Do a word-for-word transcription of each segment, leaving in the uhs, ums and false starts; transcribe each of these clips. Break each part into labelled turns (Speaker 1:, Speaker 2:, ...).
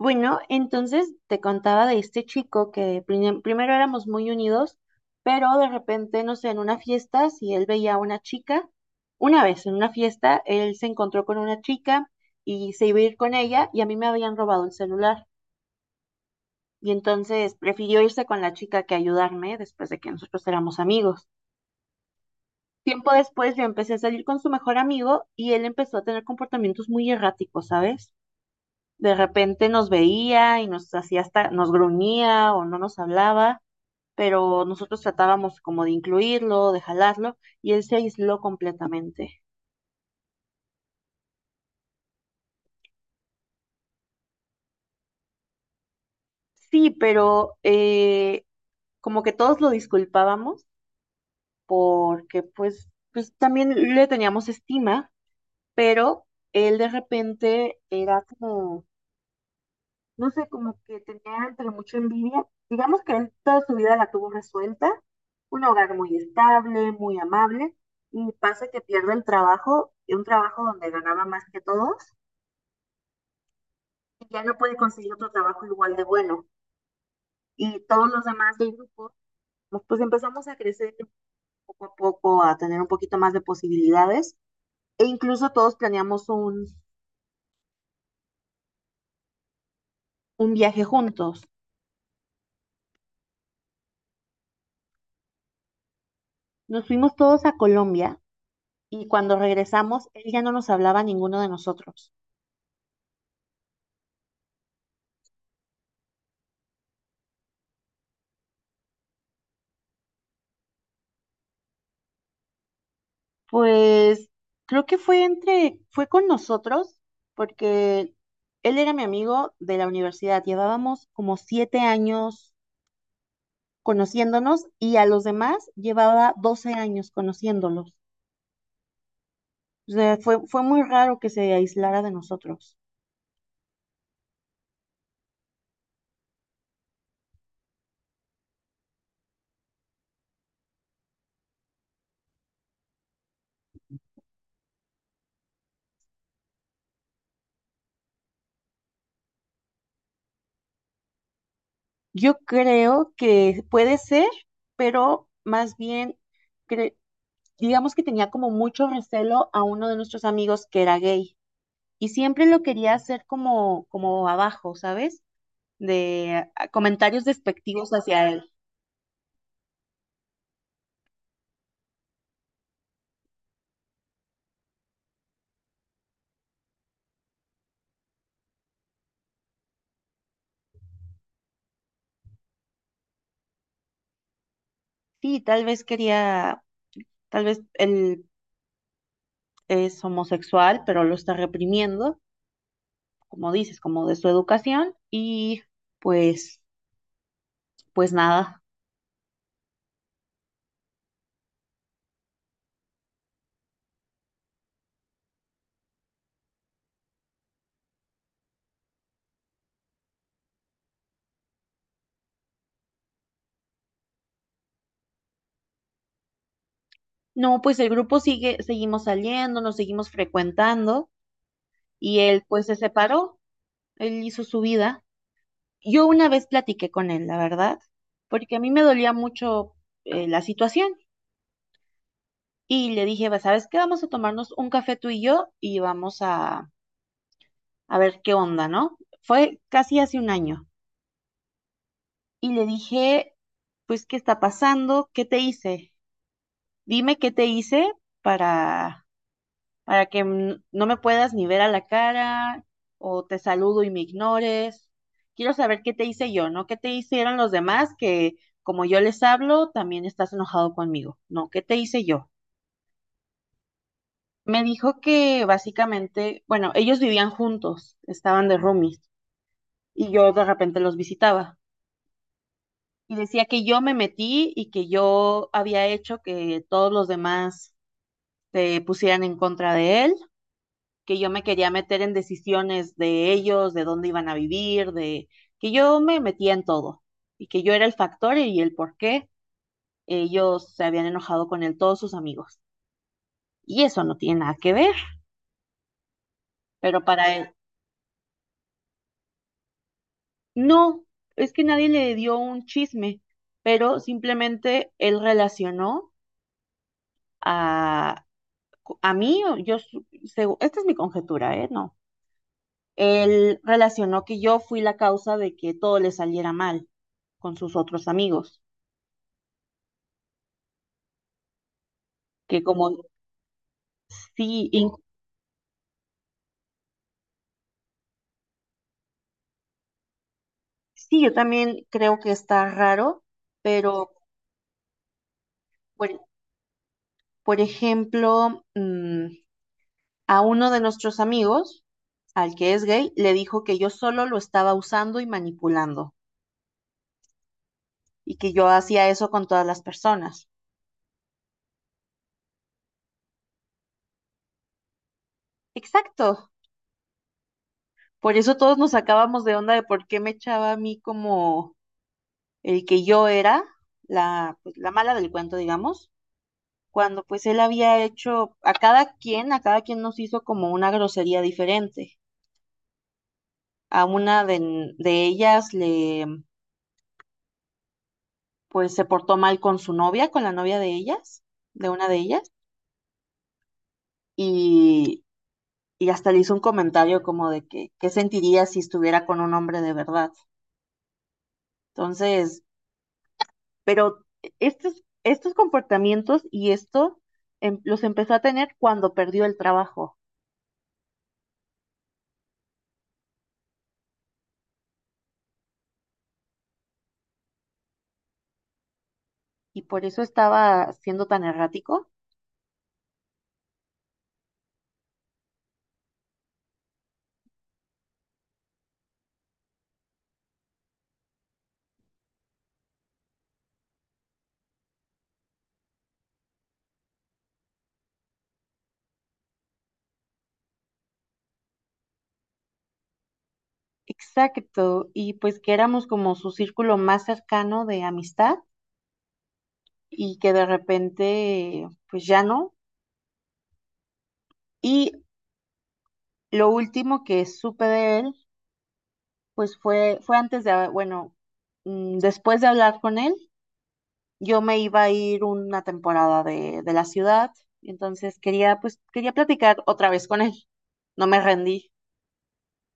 Speaker 1: Bueno, entonces te contaba de este chico que prim- primero éramos muy unidos, pero de repente, no sé, en una fiesta, si él veía a una chica, una vez en una fiesta, él se encontró con una chica y se iba a ir con ella y a mí me habían robado el celular. Y entonces prefirió irse con la chica que ayudarme después de que nosotros éramos amigos. Tiempo después yo empecé a salir con su mejor amigo y él empezó a tener comportamientos muy erráticos, ¿sabes? De repente nos veía y nos hacía hasta, nos gruñía o no nos hablaba, pero nosotros tratábamos como de incluirlo, de jalarlo, y él se aisló completamente. Sí, pero eh, como que todos lo disculpábamos porque pues, pues también le teníamos estima, pero él de repente era como no sé, como que tenía entre mucha envidia. Digamos que él toda su vida la tuvo resuelta, un hogar muy estable, muy amable, y pasa que pierde el trabajo, y un trabajo donde ganaba más que todos, y ya no puede conseguir otro trabajo igual de bueno. Y todos los demás del grupo, pues, pues empezamos a crecer poco a poco, a tener un poquito más de posibilidades, e incluso todos planeamos un, un viaje juntos. Nos fuimos todos a Colombia y cuando regresamos, él ya no nos hablaba a ninguno de nosotros. Pues creo que fue entre, fue con nosotros, porque él era mi amigo de la universidad. Llevábamos como siete años conociéndonos y a los demás llevaba doce años conociéndolos. O sea, fue, fue muy raro que se aislara de nosotros. Yo creo que puede ser, pero más bien, cre- digamos que tenía como mucho recelo a uno de nuestros amigos que era gay y siempre lo quería hacer como, como abajo, ¿sabes? De ah, comentarios despectivos hacia él. Sí, tal vez quería, tal vez él es homosexual, pero lo está reprimiendo, como dices, como de su educación, y pues, pues nada. No, pues el grupo sigue, seguimos saliendo, nos seguimos frecuentando, y él pues se separó, él hizo su vida. Yo una vez platiqué con él, la verdad, porque a mí me dolía mucho eh, la situación, y le dije, "Va, ¿sabes qué? Vamos a tomarnos un café tú y yo, y vamos a a ver qué onda, ¿no? Fue casi hace un año y le dije, pues, ¿qué está pasando? ¿Qué te hice? Dime qué te hice para, para que n- no me puedas ni ver a la cara o te saludo y me ignores. Quiero saber qué te hice yo, ¿no? ¿Qué te hicieron los demás que como yo les hablo, también estás enojado conmigo? No, ¿qué te hice yo? Me dijo que básicamente, bueno, ellos vivían juntos, estaban de roomies y yo de repente los visitaba. Y decía que yo me metí y que yo había hecho que todos los demás se pusieran en contra de él, que yo me quería meter en decisiones de ellos, de dónde iban a vivir, de que yo me metía en todo y que yo era el factor y el por qué ellos se habían enojado con él, todos sus amigos. Y eso no tiene nada que ver, pero para él, no, es que nadie le dio un chisme, pero simplemente él relacionó a co- a mí, o yo, su- segu- esta es mi conjetura, ¿eh? No. Él relacionó que yo fui la causa de que todo le saliera mal con sus otros amigos, que como sí, in- sí, yo también creo que está raro, pero por, por ejemplo, mm, a uno de nuestros amigos, al que es gay, le dijo que yo solo lo estaba usando y manipulando y que yo hacía eso con todas las personas. Exacto. Por eso todos nos sacábamos de onda de por qué me echaba a mí como el que yo era la, pues, la mala del cuento, digamos, cuando pues él había hecho a cada quien, a cada quien nos hizo como una grosería diferente. A una de, de ellas le, pues se portó mal con su novia, con la novia de ellas, de una de ellas, y, y hasta le hizo un comentario como de que, ¿qué sentiría si estuviera con un hombre de verdad? Entonces, pero estos, estos comportamientos y esto em- los empezó a tener cuando perdió el trabajo. Y por eso estaba siendo tan errático. Exacto, y pues que éramos como su círculo más cercano de amistad y que de repente pues ya no. Y lo último que supe de él pues fue, fue antes de, ah, bueno, mm, después de hablar con él, yo me iba a ir una temporada de, de la ciudad, entonces quería pues quería platicar otra vez con él, no me rendí.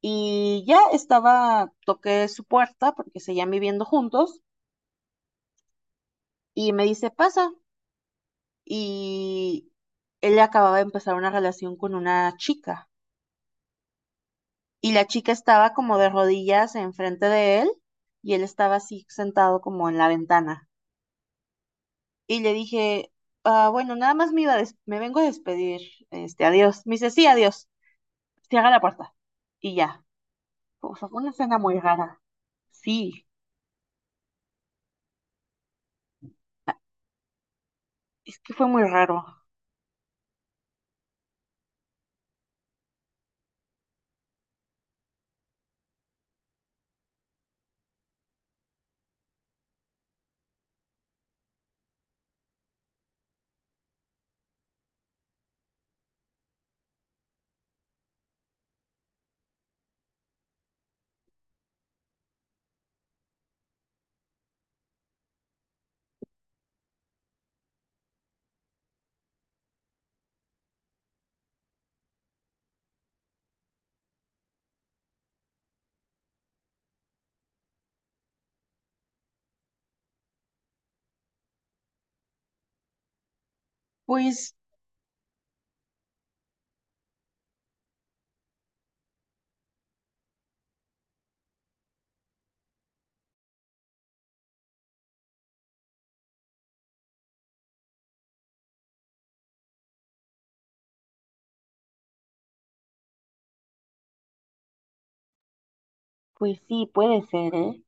Speaker 1: Y ya estaba, toqué su puerta porque seguían viviendo juntos. Y me dice, pasa. Y él acababa de empezar una relación con una chica. Y la chica estaba como de rodillas enfrente de él y él estaba así sentado como en la ventana. Y le dije, "Ah, bueno, nada más me iba a des- me vengo a despedir, este, adiós. Me dice, sí, adiós. Cierra la puerta. Y ya. O sea, fue una escena muy rara. Sí, es que fue muy raro. Pues Pues sí, puede ser, ¿eh?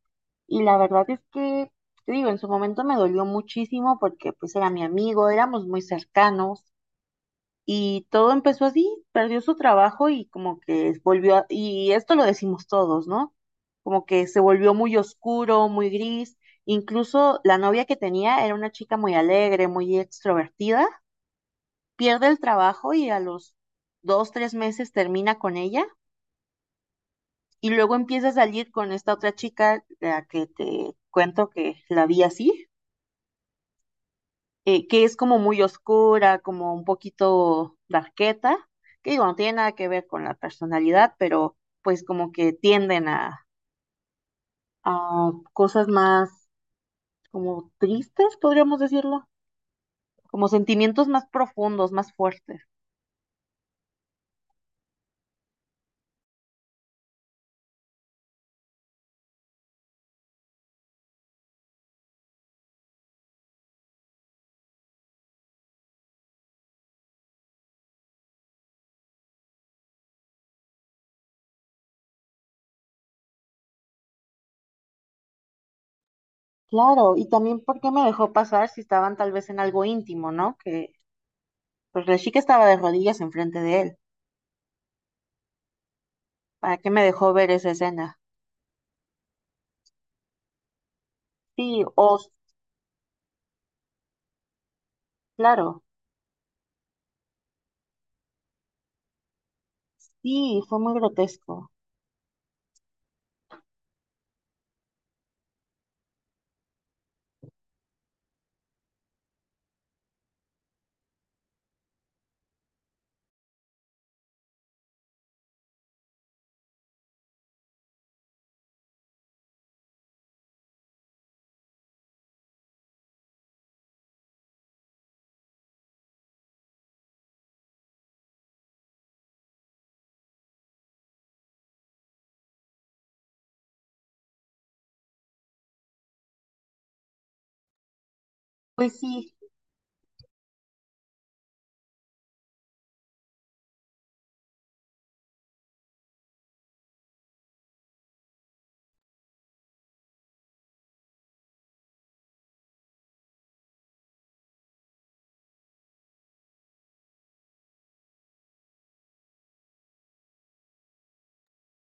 Speaker 1: Y la verdad es que, te digo, en su momento me dolió muchísimo porque pues era mi amigo, éramos muy cercanos y todo empezó así, perdió su trabajo y como que volvió, a- y esto lo decimos todos, ¿no? Como que se volvió muy oscuro, muy gris, incluso la novia que tenía era una chica muy alegre, muy extrovertida, pierde el trabajo y a los dos, tres meses termina con ella. Y luego empieza a salir con esta otra chica, la que te cuento que la vi así, eh, que es como muy oscura, como un poquito darqueta, que digo, no tiene nada que ver con la personalidad, pero pues como que tienden a, a cosas más como tristes, podríamos decirlo, como sentimientos más profundos, más fuertes. Claro, y también porque me dejó pasar si estaban tal vez en algo íntimo, ¿no? Que pues la chica estaba de rodillas enfrente de él. ¿Para qué me dejó ver esa escena? Sí, o claro, sí, fue muy grotesco. Pues sí,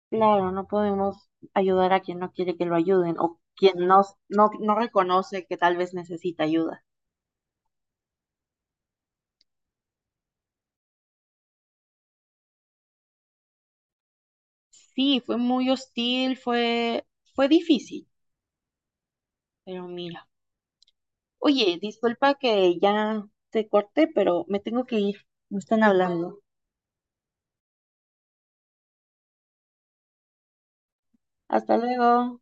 Speaker 1: claro, no podemos ayudar a quien no quiere que lo ayuden o quien no, no, no reconoce que tal vez necesita ayuda. Sí, fue muy hostil, fue, fue difícil, pero mira. Oye, disculpa que ya te corté, pero me tengo que ir. Me están hablando. Hasta luego.